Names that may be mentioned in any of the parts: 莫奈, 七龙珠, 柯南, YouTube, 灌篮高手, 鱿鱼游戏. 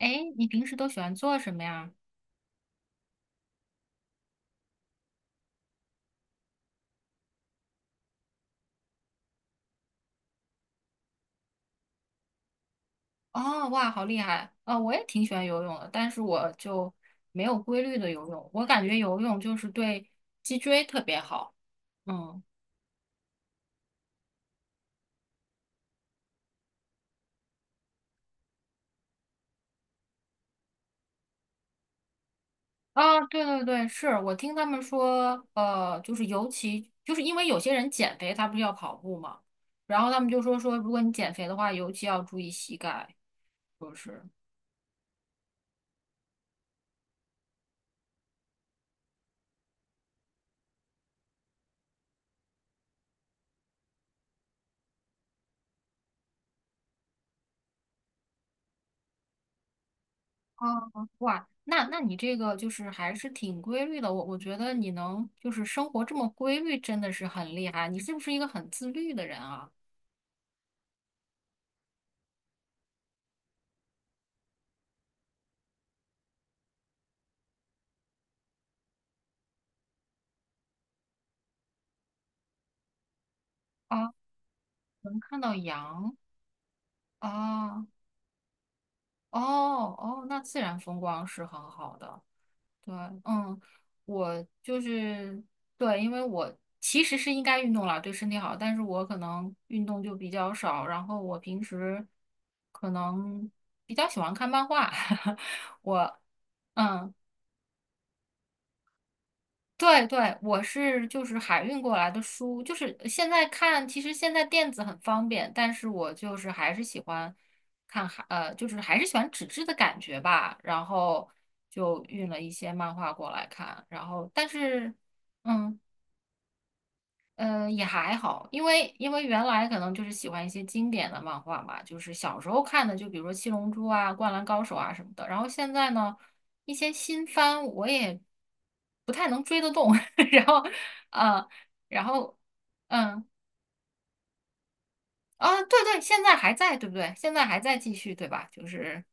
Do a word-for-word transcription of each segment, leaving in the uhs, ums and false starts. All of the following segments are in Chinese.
哎，你平时都喜欢做什么呀？哦，哇，好厉害！啊、我也挺喜欢游泳的，但是我就没有规律的游泳。我感觉游泳就是对脊椎特别好。嗯，啊，对对对，是我听他们说，呃，就是尤其就是因为有些人减肥，他不是要跑步嘛，然后他们就说说，如果你减肥的话，尤其要注意膝盖，就是。哦，哇，那那你这个就是还是挺规律的，我我觉得你能就是生活这么规律，真的是很厉害。你是不是一个很自律的人啊？啊，能看到羊啊，哦哦，那自然风光是很好的。对，嗯，我就是对，因为我其实是应该运动啦，对身体好，但是我可能运动就比较少，然后我平时可能比较喜欢看漫画，我。嗯。对对，我是就是海运过来的书，就是现在看，其实现在电子很方便，但是我就是还是喜欢看海，呃，就是还是喜欢纸质的感觉吧。然后就运了一些漫画过来看，然后但是，嗯。嗯，也还好，因为因为原来可能就是喜欢一些经典的漫画嘛，就是小时候看的，就比如说《七龙珠》啊、《灌篮高手》啊什么的。然后现在呢，一些新番我也不太能追得动。然后，呃，然后，嗯，啊，对对，现在还在，对不对？现在还在继续，对吧？就是，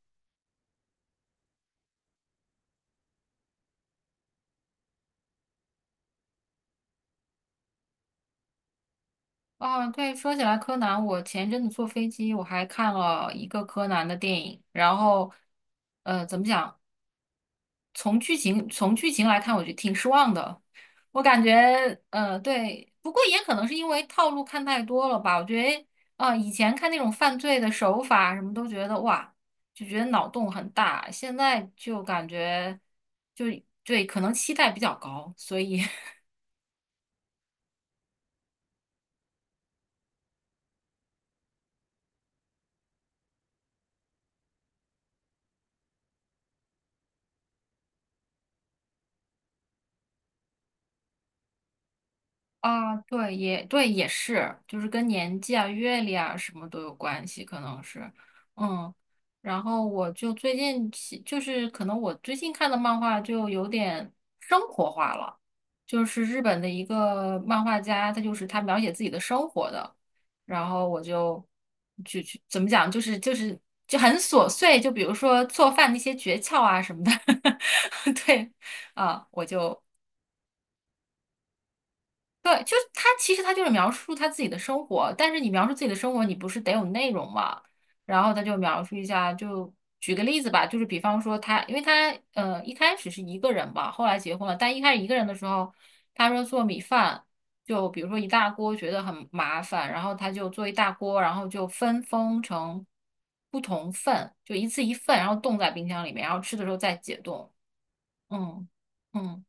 哦，对，说起来柯南，我前一阵子坐飞机，我还看了一个柯南的电影，然后，呃，怎么讲？从剧情从剧情来看，我觉得挺失望的。我感觉，呃，对，不过也可能是因为套路看太多了吧。我觉得，啊、以前看那种犯罪的手法什么都觉得哇，就觉得脑洞很大，现在就感觉就对，可能期待比较高，所以 啊，对，也对，也是，就是跟年纪啊、阅历啊什么都有关系，可能是，嗯。然后我就最近喜，就是可能我最近看的漫画就有点生活化了，就是日本的一个漫画家，他就是他描写自己的生活的，然后我就就就怎么讲，就是就是就很琐碎，就比如说做饭那些诀窍啊什么的，对啊，我就对，就是他，其实他就是描述他自己的生活，但是你描述自己的生活，你不是得有内容嘛？然后他就描述一下，就举个例子吧，就是比方说他，因为他呃一开始是一个人吧，后来结婚了，但一开始一个人的时候，他说做米饭，就比如说一大锅觉得很麻烦，然后他就做一大锅，然后就分封成不同份，就一次一份，然后冻在冰箱里面，然后吃的时候再解冻。嗯嗯。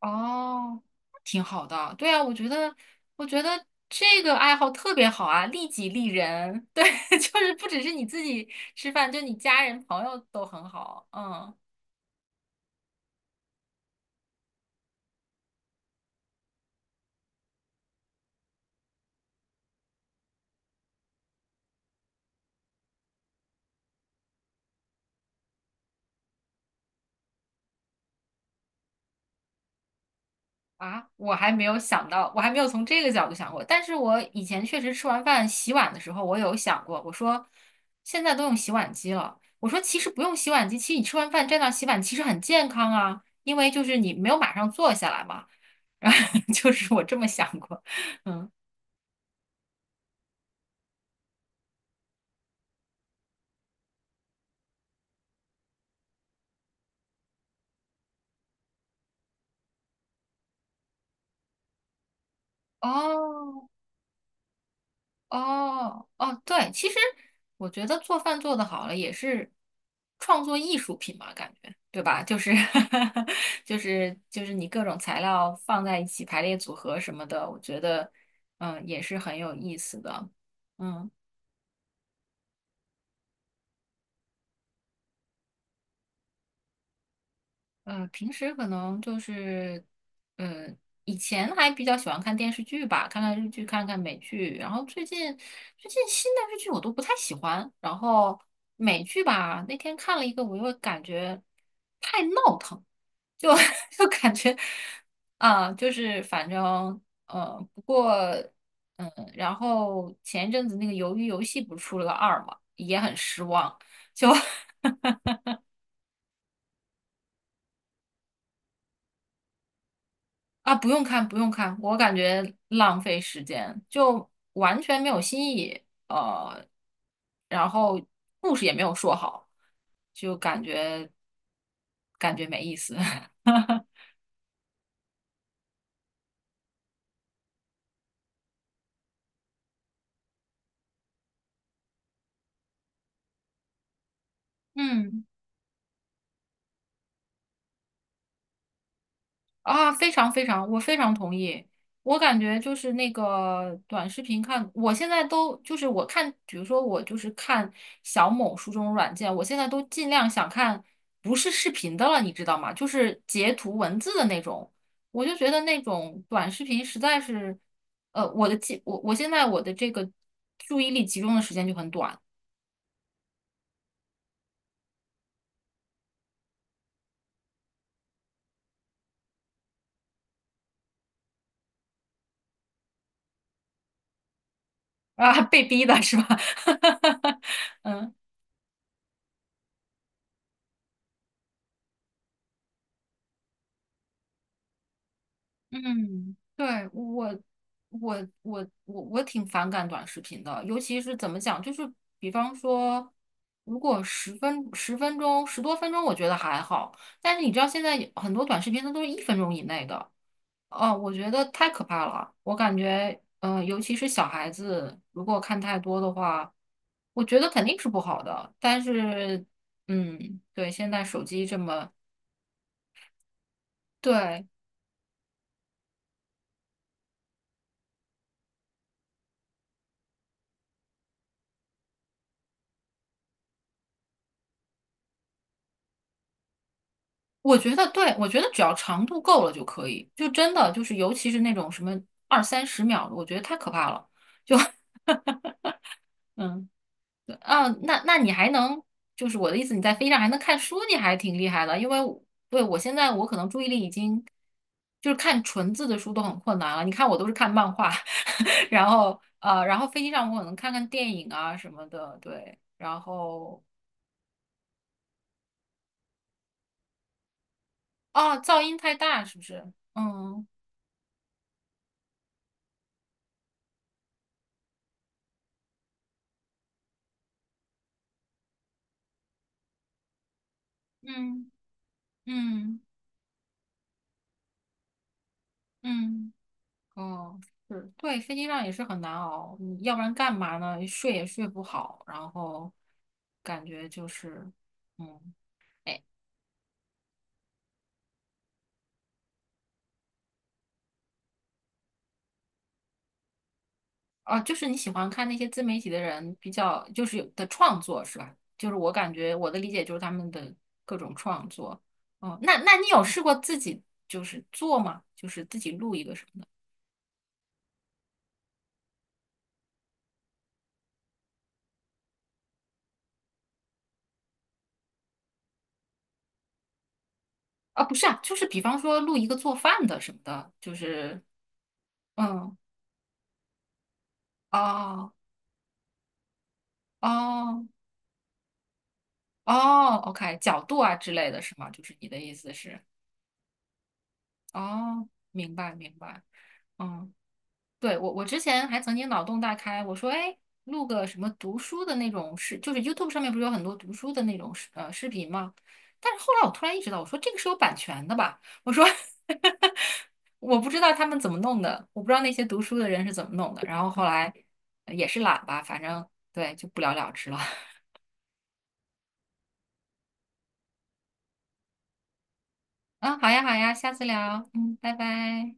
哦，挺好的。对啊，我觉得，我觉得这个爱好特别好啊，利己利人。对，就是不只是你自己吃饭，就你家人朋友都很好。嗯，啊，我还没有想到，我还没有从这个角度想过。但是我以前确实吃完饭洗碗的时候，我有想过，我说现在都用洗碗机了，我说其实不用洗碗机，其实你吃完饭站那儿洗碗，其实很健康啊，因为就是你没有马上坐下来嘛。然后就是我这么想过，嗯。哦哦哦，对，其实我觉得做饭做的好了也是创作艺术品嘛，感觉对吧？就是 就是就是你各种材料放在一起排列组合什么的，我觉得嗯也是很有意思的。嗯。呃，平时可能就是，呃，以前还比较喜欢看电视剧吧，看看日剧，看看美剧。然后最近最近新的日剧我都不太喜欢。然后美剧吧，那天看了一个，我又感觉就 就感觉啊、就是反正呃，不过嗯，然后前一阵子那个《鱿鱼游戏》不是出了个二嘛，也很失望。就 啊，不用看，不用看，我感觉浪费时间，就完全没有新意，呃，然后故事也没有说好，就感觉感觉没意思。嗯。啊，非常非常，我非常同意。我感觉就是那个短视频看，我现在都就是我看，比如说我就是看小某书这种软件，我现在都尽量想看不是视频的了，你知道吗？就是截图文字的那种。我就觉得那种短视频实在是，呃，我的记我我现在我的这个注意力集中的时间就很短啊，被逼的是吧？嗯。嗯，对，我我我我我挺反感短视频的，尤其是怎么讲，就是比方说，如果十分十分钟十多分钟，我觉得还好，但是你知道现在有很多短视频它都是一分钟以内的，哦，我觉得太可怕了，我感觉，呃，尤其是小孩子如果看太多的话，我觉得肯定是不好的，但是，嗯，对，现在手机这么。对，我觉得对，我觉得只要长度够了就可以，就真的就是，尤其是那种什么二三十秒的，我觉得太可怕了。就 嗯，对啊，那那你还能，就是我的意思，你在飞机上还能看书，你还挺厉害的。因为我对我现在我可能注意力已经就是看纯字的书都很困难了。你看我都是看漫画，然后呃，然后飞机上我可能看看电影啊什么的，对。然后哦，噪音太大是不是？嗯嗯嗯嗯。哦，是，对，飞机上也是很难熬，你要不然干嘛呢？睡也睡不好，然后感觉就是，嗯，哎，哦，就是你喜欢看那些自媒体的人比较，就是有的创作是吧？就是我感觉我的理解就是他们的各种创作。哦，那那你有试过自己就是做吗？就是自己录一个什么的？啊，不是啊，就是比方说录一个做饭的什么的，就是嗯，哦哦。哦，OK，角度啊之类的是吗？就是你的意思是，哦，明白明白，嗯，对，我我之前还曾经脑洞大开，我说，哎，录个什么读书的那种视，就是 YouTube 上面不是有很多读书的那种视呃视频吗？但是后来我突然意识到，我说这个是有版权的吧？我说 我不知道他们怎么弄的，我不知道那些读书的人是怎么弄的。然后后来呃也是懒吧，反正对，就不了了之了。嗯，好呀好呀，下次聊，嗯，拜拜。